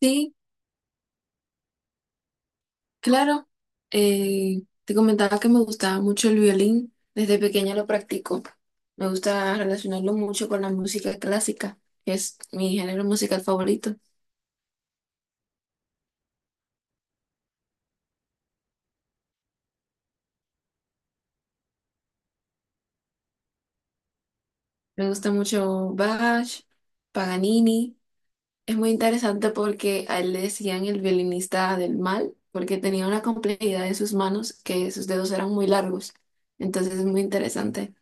Sí, claro. Te comentaba que me gustaba mucho el violín. Desde pequeña lo practico. Me gusta relacionarlo mucho con la música clásica, que es mi género musical favorito. Me gusta mucho Bach, Paganini. Es muy interesante porque a él le decían el violinista del mal, porque tenía una complejidad en sus manos que sus dedos eran muy largos. Entonces es muy interesante.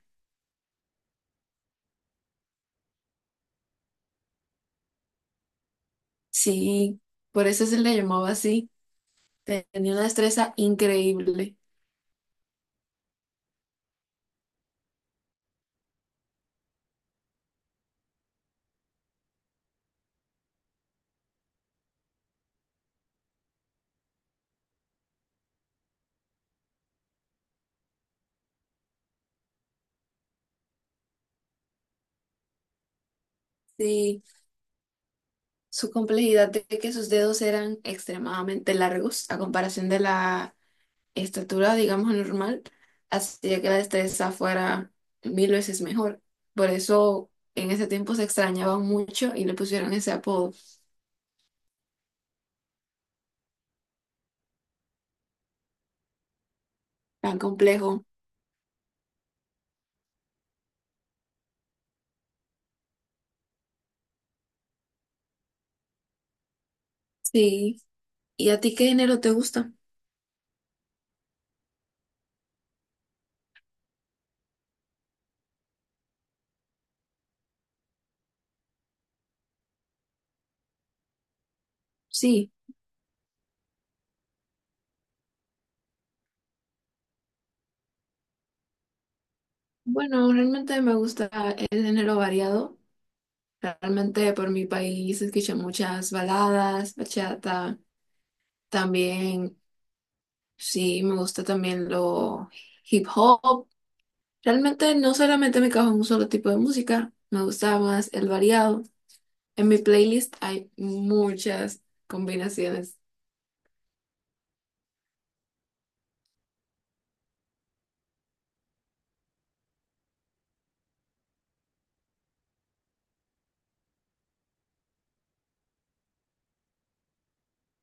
Sí, por eso se le llamaba así. Tenía una destreza increíble. Sí, su complejidad de que sus dedos eran extremadamente largos a comparación de la estatura, digamos, normal, hacía que la destreza fuera 1000 veces mejor. Por eso en ese tiempo se extrañaban mucho y le pusieron ese apodo tan complejo. Sí. ¿Y a ti qué género te gusta? Sí. Bueno, realmente me gusta el género variado. Realmente por mi país escucho muchas baladas, bachata, también. Sí, me gusta también lo hip hop. Realmente no solamente me cajo en un solo tipo de música, me gusta más el variado. En mi playlist hay muchas combinaciones.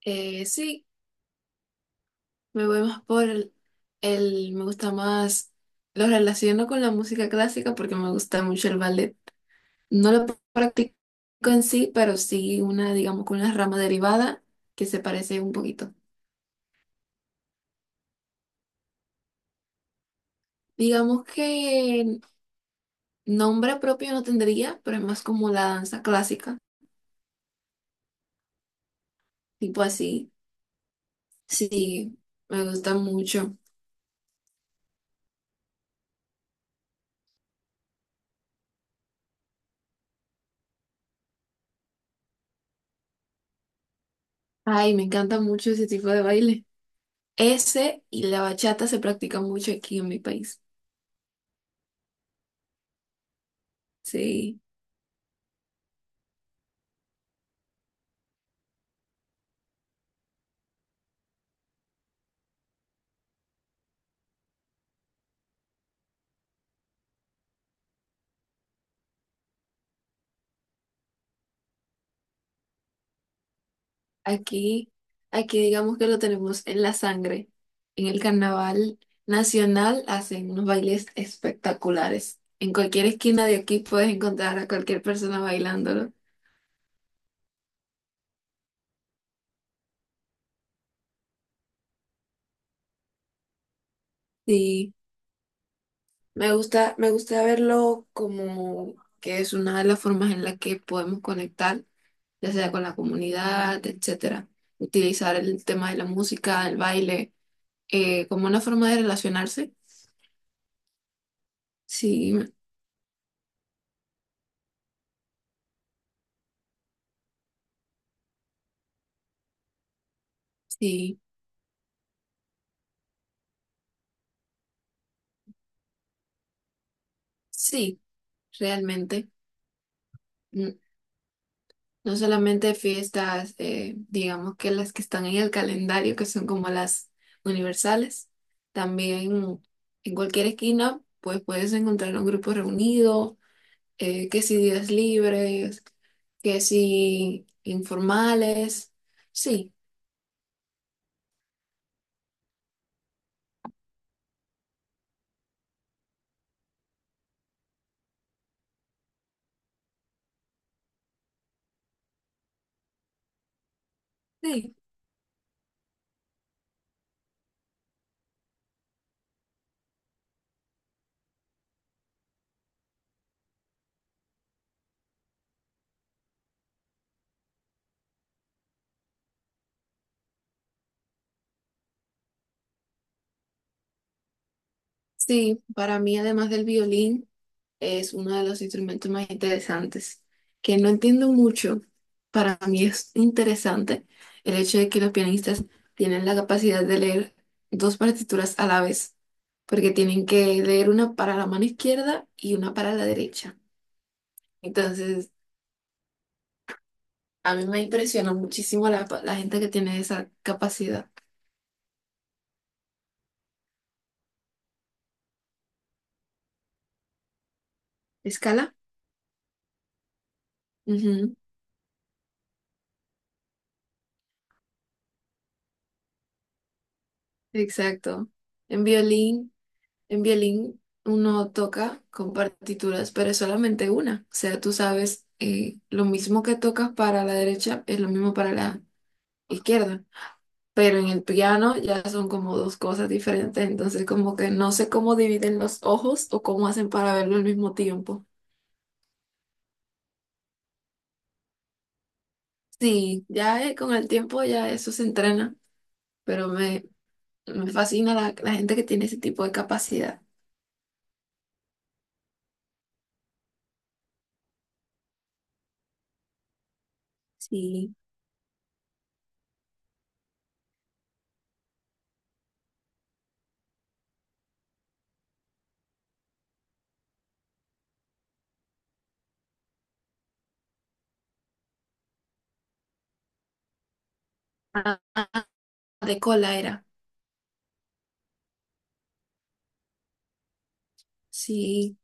Sí, me voy más por el- me gusta más, lo relaciono con la música clásica porque me gusta mucho el ballet. No lo practico en sí, pero sí una, digamos, con una rama derivada que se parece un poquito. Digamos que nombre propio no tendría, pero es más como la danza clásica, tipo así. Sí, me gusta mucho. Ay, me encanta mucho ese tipo de baile. Ese y la bachata se practican mucho aquí en mi país. Sí, aquí, aquí digamos que lo tenemos en la sangre. En el carnaval nacional hacen unos bailes espectaculares. En cualquier esquina de aquí puedes encontrar a cualquier persona bailándolo. Sí. Me gusta verlo como que es una de las formas en las que podemos conectar, ya sea con la comunidad, etcétera. Utilizar el tema de la música, el baile, como una forma de relacionarse. Sí, sí, sí, realmente. Mm, No solamente fiestas, digamos que las que están en el calendario, que son como las universales, también en cualquier esquina, pues puedes encontrar un grupo reunido que si días libres, que si informales. Sí, sí, sí, para mí además del violín es uno de los instrumentos más interesantes, que no entiendo mucho, para mí es interesante el hecho de que los pianistas tienen la capacidad de leer dos partituras a la vez, porque tienen que leer una para la mano izquierda y una para la derecha. Entonces, a mí me impresiona muchísimo la gente que tiene esa capacidad. Escala. Ujú. Exacto. En violín, en violín uno toca con partituras, pero es solamente una. O sea, tú sabes, lo mismo que tocas para la derecha es lo mismo para la izquierda. Pero en el piano ya son como dos cosas diferentes. Entonces, como que no sé cómo dividen los ojos o cómo hacen para verlo al mismo tiempo. Sí, ya con el tiempo ya eso se entrena, pero me fascina la gente que tiene ese tipo de capacidad. Sí. De cola era. Sí,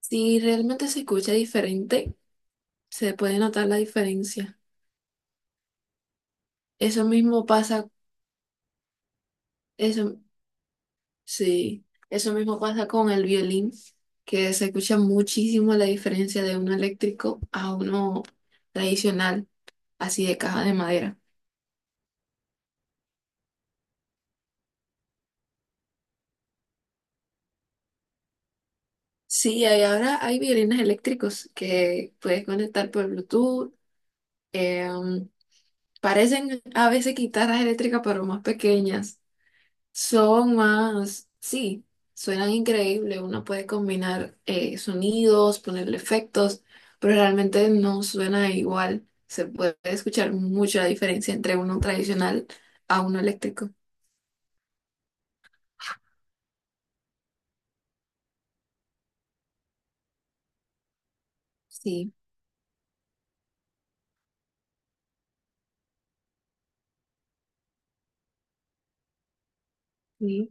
sí, realmente se escucha diferente, se puede notar la diferencia. Eso mismo pasa, eso, sí, eso mismo pasa con el violín, que se escucha muchísimo la diferencia de uno eléctrico a uno tradicional, así de caja de madera. Sí, hay- ahora hay violines eléctricos que puedes conectar por Bluetooth. eh, um, Parecen a veces guitarras eléctricas, pero más pequeñas. Son más, sí, suenan increíble. Uno puede combinar sonidos, ponerle efectos, pero realmente no suena igual. Se puede escuchar mucha diferencia entre uno tradicional a uno eléctrico. Sí, sí,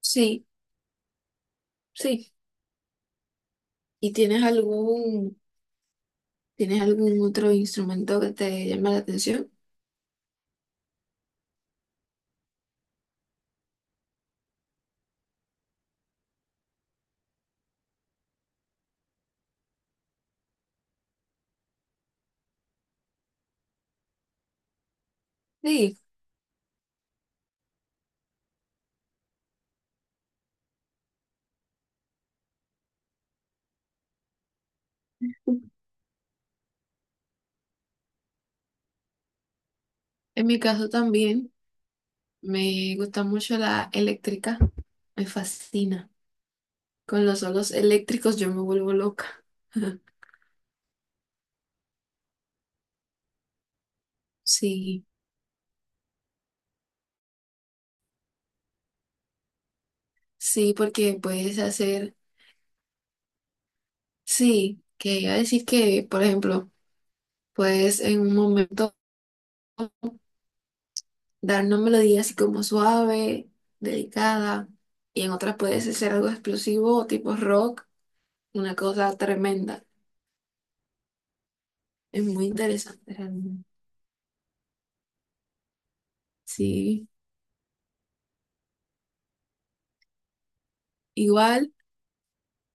sí, sí. ¿Y tienes algún otro instrumento que te llama la atención? Sí, en mi caso también me gusta mucho la eléctrica. Me fascina. Con los solos eléctricos yo me vuelvo loca. Sí, sí, porque puedes hacer, sí, que iba a decir que, por ejemplo, puedes en un momento dar una melodía así como suave, delicada, y en otras puedes hacer algo explosivo, tipo rock, una cosa tremenda. Es muy interesante realmente. Sí, igual.